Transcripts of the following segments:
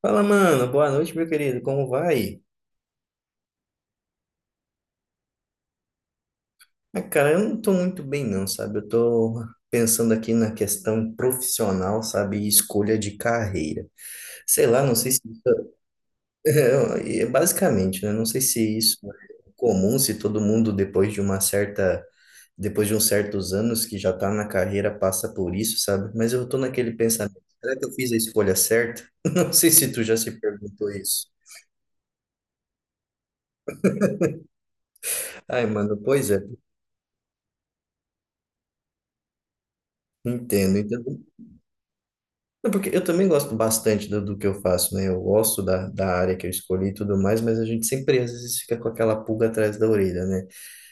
Fala, mano. Boa noite, meu querido. Como vai? Ah, cara, eu não tô muito bem, não, sabe? Eu tô pensando aqui na questão profissional, sabe? E escolha de carreira. Sei lá, não sei se isso. Basicamente, né? Não sei se isso é comum, se todo mundo, depois de uma certa. Depois de uns certos anos que já tá na carreira, passa por isso, sabe? Mas eu tô naquele pensamento. Será que eu fiz a escolha certa? Não sei se tu já se perguntou isso. Ai, mano, pois é, entendo, entendo. Não, porque eu também gosto bastante do que eu faço, né? Eu gosto da área que eu escolhi e tudo mais, mas a gente sempre às vezes fica com aquela pulga atrás da orelha, né?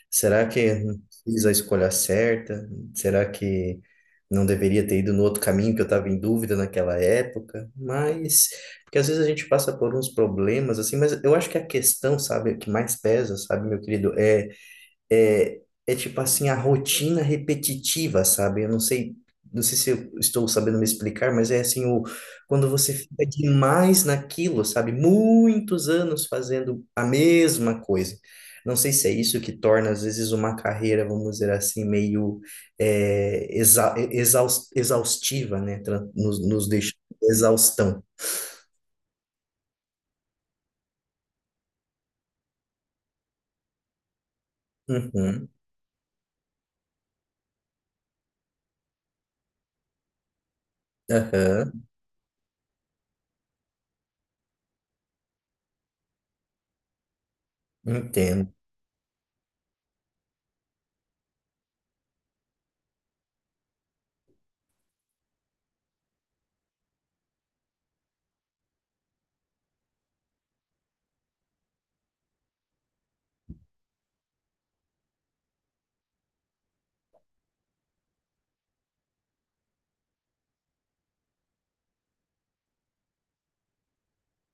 Será que eu fiz a escolha certa? Será que não deveria ter ido no outro caminho que eu estava em dúvida naquela época? Mas, porque às vezes a gente passa por uns problemas, assim, mas eu acho que a questão, sabe, que mais pesa, sabe, meu querido, é, é tipo assim, a rotina repetitiva, sabe? Eu não sei se eu estou sabendo me explicar, mas é assim, quando você fica demais naquilo, sabe? Muitos anos fazendo a mesma coisa. Não sei se é isso que torna, às vezes, uma carreira, vamos dizer assim, meio exaustiva, né? Nos deixa exaustão. Uhum, aham, entendo.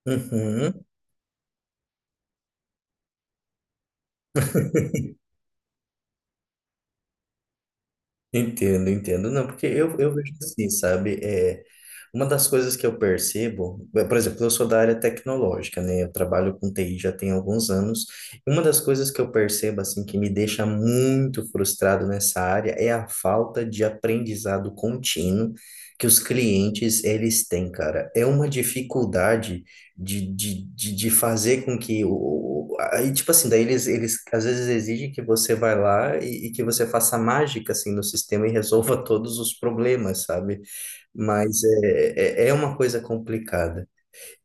Uhum. Entendo, entendo. Não, porque eu vejo assim, sabe? É, uma das coisas que eu percebo, por exemplo, eu sou da área tecnológica, né? Eu trabalho com TI já tem alguns anos. E uma das coisas que eu percebo, assim, que me deixa muito frustrado nessa área é a falta de aprendizado contínuo que os clientes, eles têm, cara. É uma dificuldade de fazer com que o. Aí, tipo assim, daí eles às vezes exigem que você vai lá e que você faça mágica, assim, no sistema e resolva todos os problemas, sabe? Mas é uma coisa complicada.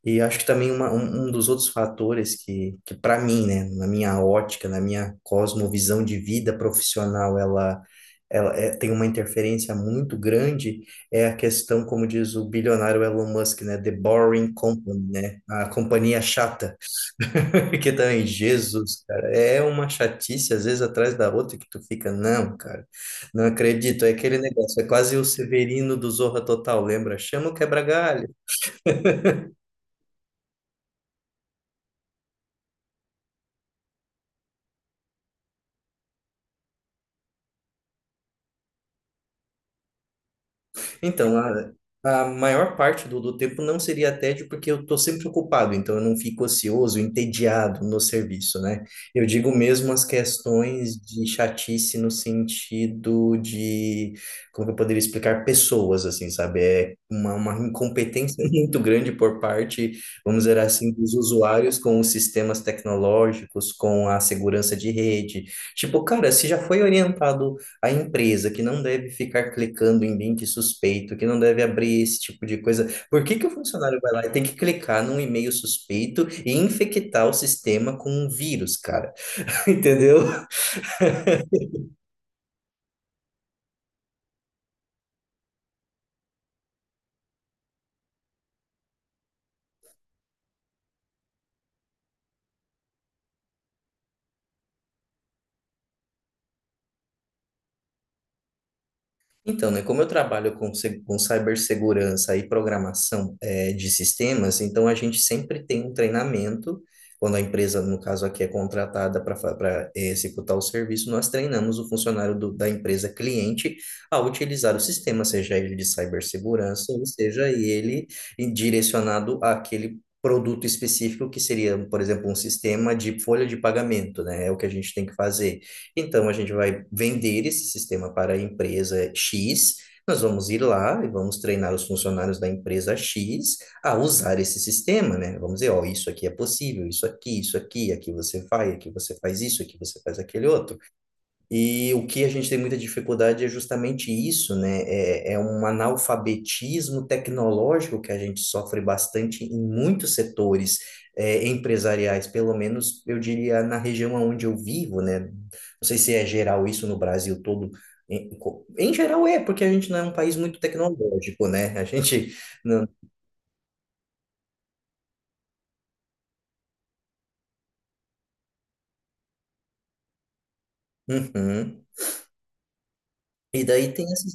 E acho que também um dos outros fatores que para mim, né, na minha ótica, na minha cosmovisão de vida profissional, ela tem uma interferência muito grande, é a questão, como diz o bilionário Elon Musk, né, The Boring Company, né, a companhia chata, que também, Jesus, cara, é uma chatice, às vezes, atrás da outra, que tu fica, não, cara, não acredito, é aquele negócio, é quase o Severino do Zorra Total, lembra? Chama o quebra-galho. Então, a maior parte do tempo não seria tédio, porque eu estou sempre ocupado, então eu não fico ocioso, entediado no serviço, né? Eu digo mesmo as questões de chatice no sentido de, como que eu poderia explicar, pessoas, assim, sabe? É uma incompetência muito grande por parte, vamos dizer assim, dos usuários com os sistemas tecnológicos, com a segurança de rede. Tipo, cara, se já foi orientado a empresa que não deve ficar clicando em link suspeito, que não deve abrir esse tipo de coisa. Por que que o funcionário vai lá e tem que clicar num e-mail suspeito e infectar o sistema com um vírus, cara? Entendeu? Então, né, como eu trabalho com, se- com cibersegurança e programação de sistemas, então a gente sempre tem um treinamento. Quando a empresa, no caso aqui, é contratada para executar o serviço, nós treinamos o funcionário da empresa cliente a utilizar o sistema, seja ele de cibersegurança ou seja ele direcionado àquele produto específico que seria, por exemplo, um sistema de folha de pagamento, né? É o que a gente tem que fazer. Então, a gente vai vender esse sistema para a empresa X. Nós vamos ir lá e vamos treinar os funcionários da empresa X a usar esse sistema, né? Vamos dizer, ó, isso aqui é possível, isso aqui, aqui você vai, aqui você faz isso, aqui você faz aquele outro. E o que a gente tem muita dificuldade é justamente isso, né? É um analfabetismo tecnológico que a gente sofre bastante em muitos setores empresariais, pelo menos eu diria na região onde eu vivo, né? Não sei se é geral isso no Brasil todo. Em, em geral é, porque a gente não é um país muito tecnológico, né? A gente não. Uhum. E daí tem essa.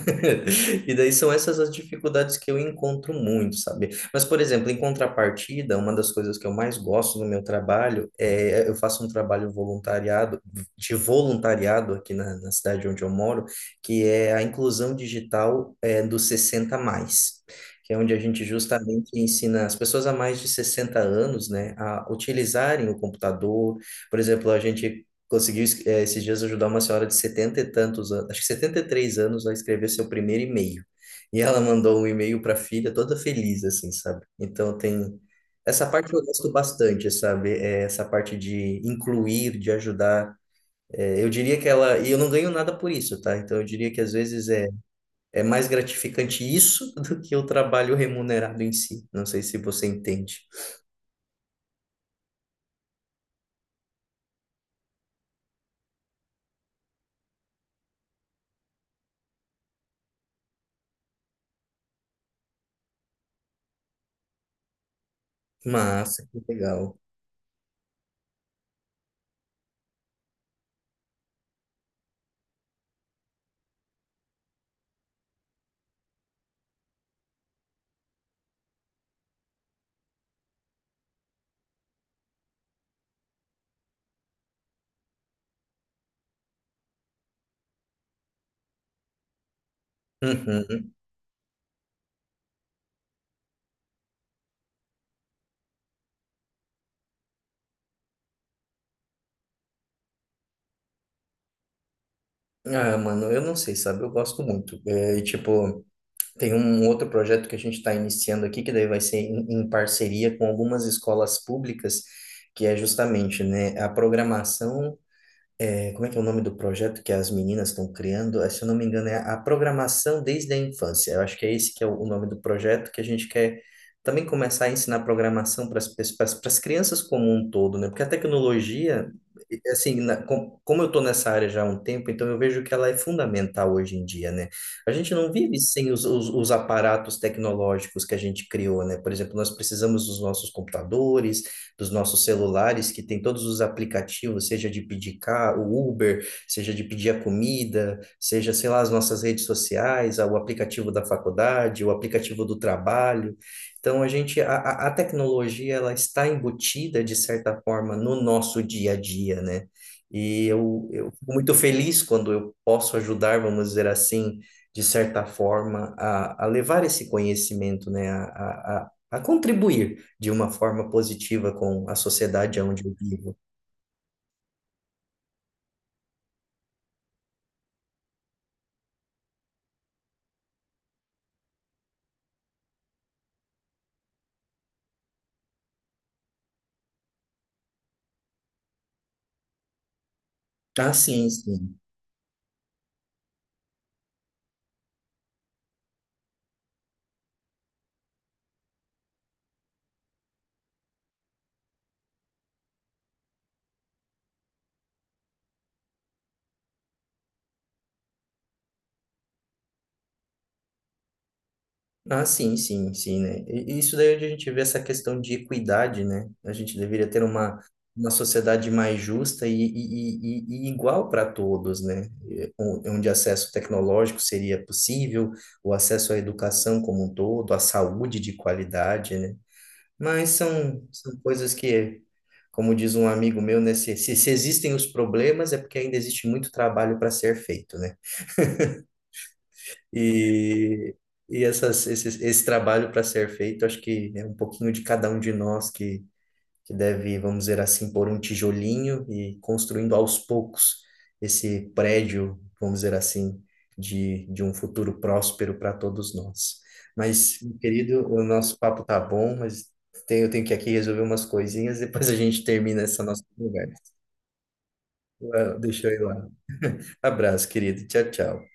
E daí são essas as dificuldades que eu encontro muito, sabe? Mas, por exemplo, em contrapartida, uma das coisas que eu mais gosto no meu trabalho é eu faço um trabalho de voluntariado aqui na cidade onde eu moro, que é a inclusão digital dos 60 mais. Que é onde a gente justamente ensina as pessoas a mais de 60 anos, né, a utilizarem o computador. Por exemplo, a gente conseguiu esses dias ajudar uma senhora de setenta e tantos anos, acho que 73 anos, a escrever seu primeiro e-mail. E ela mandou um e-mail para a filha toda feliz, assim, sabe? Então tem essa parte que eu gosto bastante, sabe? É essa parte de incluir, de ajudar. É, eu diria que e eu não ganho nada por isso, tá? Então eu diria que às vezes é mais gratificante isso do que o trabalho remunerado em si. Não sei se você entende. Massa, que legal. Uhum. Ah, mano, eu não sei, sabe? Eu gosto muito. É, e, tipo, tem um outro projeto que a gente está iniciando aqui, que daí vai ser em parceria com algumas escolas públicas, que é justamente, né, a programação como é que é o nome do projeto que as meninas estão criando? Se eu não me engano, é a programação desde a infância. Eu acho que é esse que é o nome do projeto que a gente quer também começar a ensinar programação para as pessoas, para as crianças como um todo, né? Porque a tecnologia, assim, como eu estou nessa área já há um tempo, então eu vejo que ela é fundamental hoje em dia, né? A gente não vive sem os aparatos tecnológicos que a gente criou, né? Por exemplo, nós precisamos dos nossos computadores, dos nossos celulares, que tem todos os aplicativos, seja de pedir carro, o Uber, seja de pedir a comida, seja, sei lá, as nossas redes sociais, o aplicativo da faculdade, o aplicativo do trabalho. Então, a tecnologia, ela está embutida, de certa forma, no nosso dia a dia, né? E eu fico muito feliz quando eu posso ajudar, vamos dizer assim, de certa forma, a levar esse conhecimento, né? A contribuir, de uma forma positiva com a sociedade onde eu vivo. Ah, sim, sim. Ah, sim, sim, sim, né? E isso daí é onde a gente vê essa questão de equidade, né? A gente deveria ter uma sociedade mais justa e igual para todos, né? E onde acesso tecnológico seria possível, o acesso à educação como um todo, à saúde de qualidade, né? Mas são coisas que, como diz um amigo meu, né? Se existem os problemas, é porque ainda existe muito trabalho para ser feito, né? E, e esse trabalho para ser feito, acho que é um pouquinho de cada um de nós que deve, vamos dizer assim, pôr um tijolinho e construindo aos poucos esse prédio, vamos dizer assim, de um futuro próspero para todos nós. Mas, meu querido, o nosso papo tá bom, mas eu tenho que aqui resolver umas coisinhas, depois a gente termina essa nossa conversa. Ah, deixa eu ir lá. Abraço, querido. Tchau, tchau.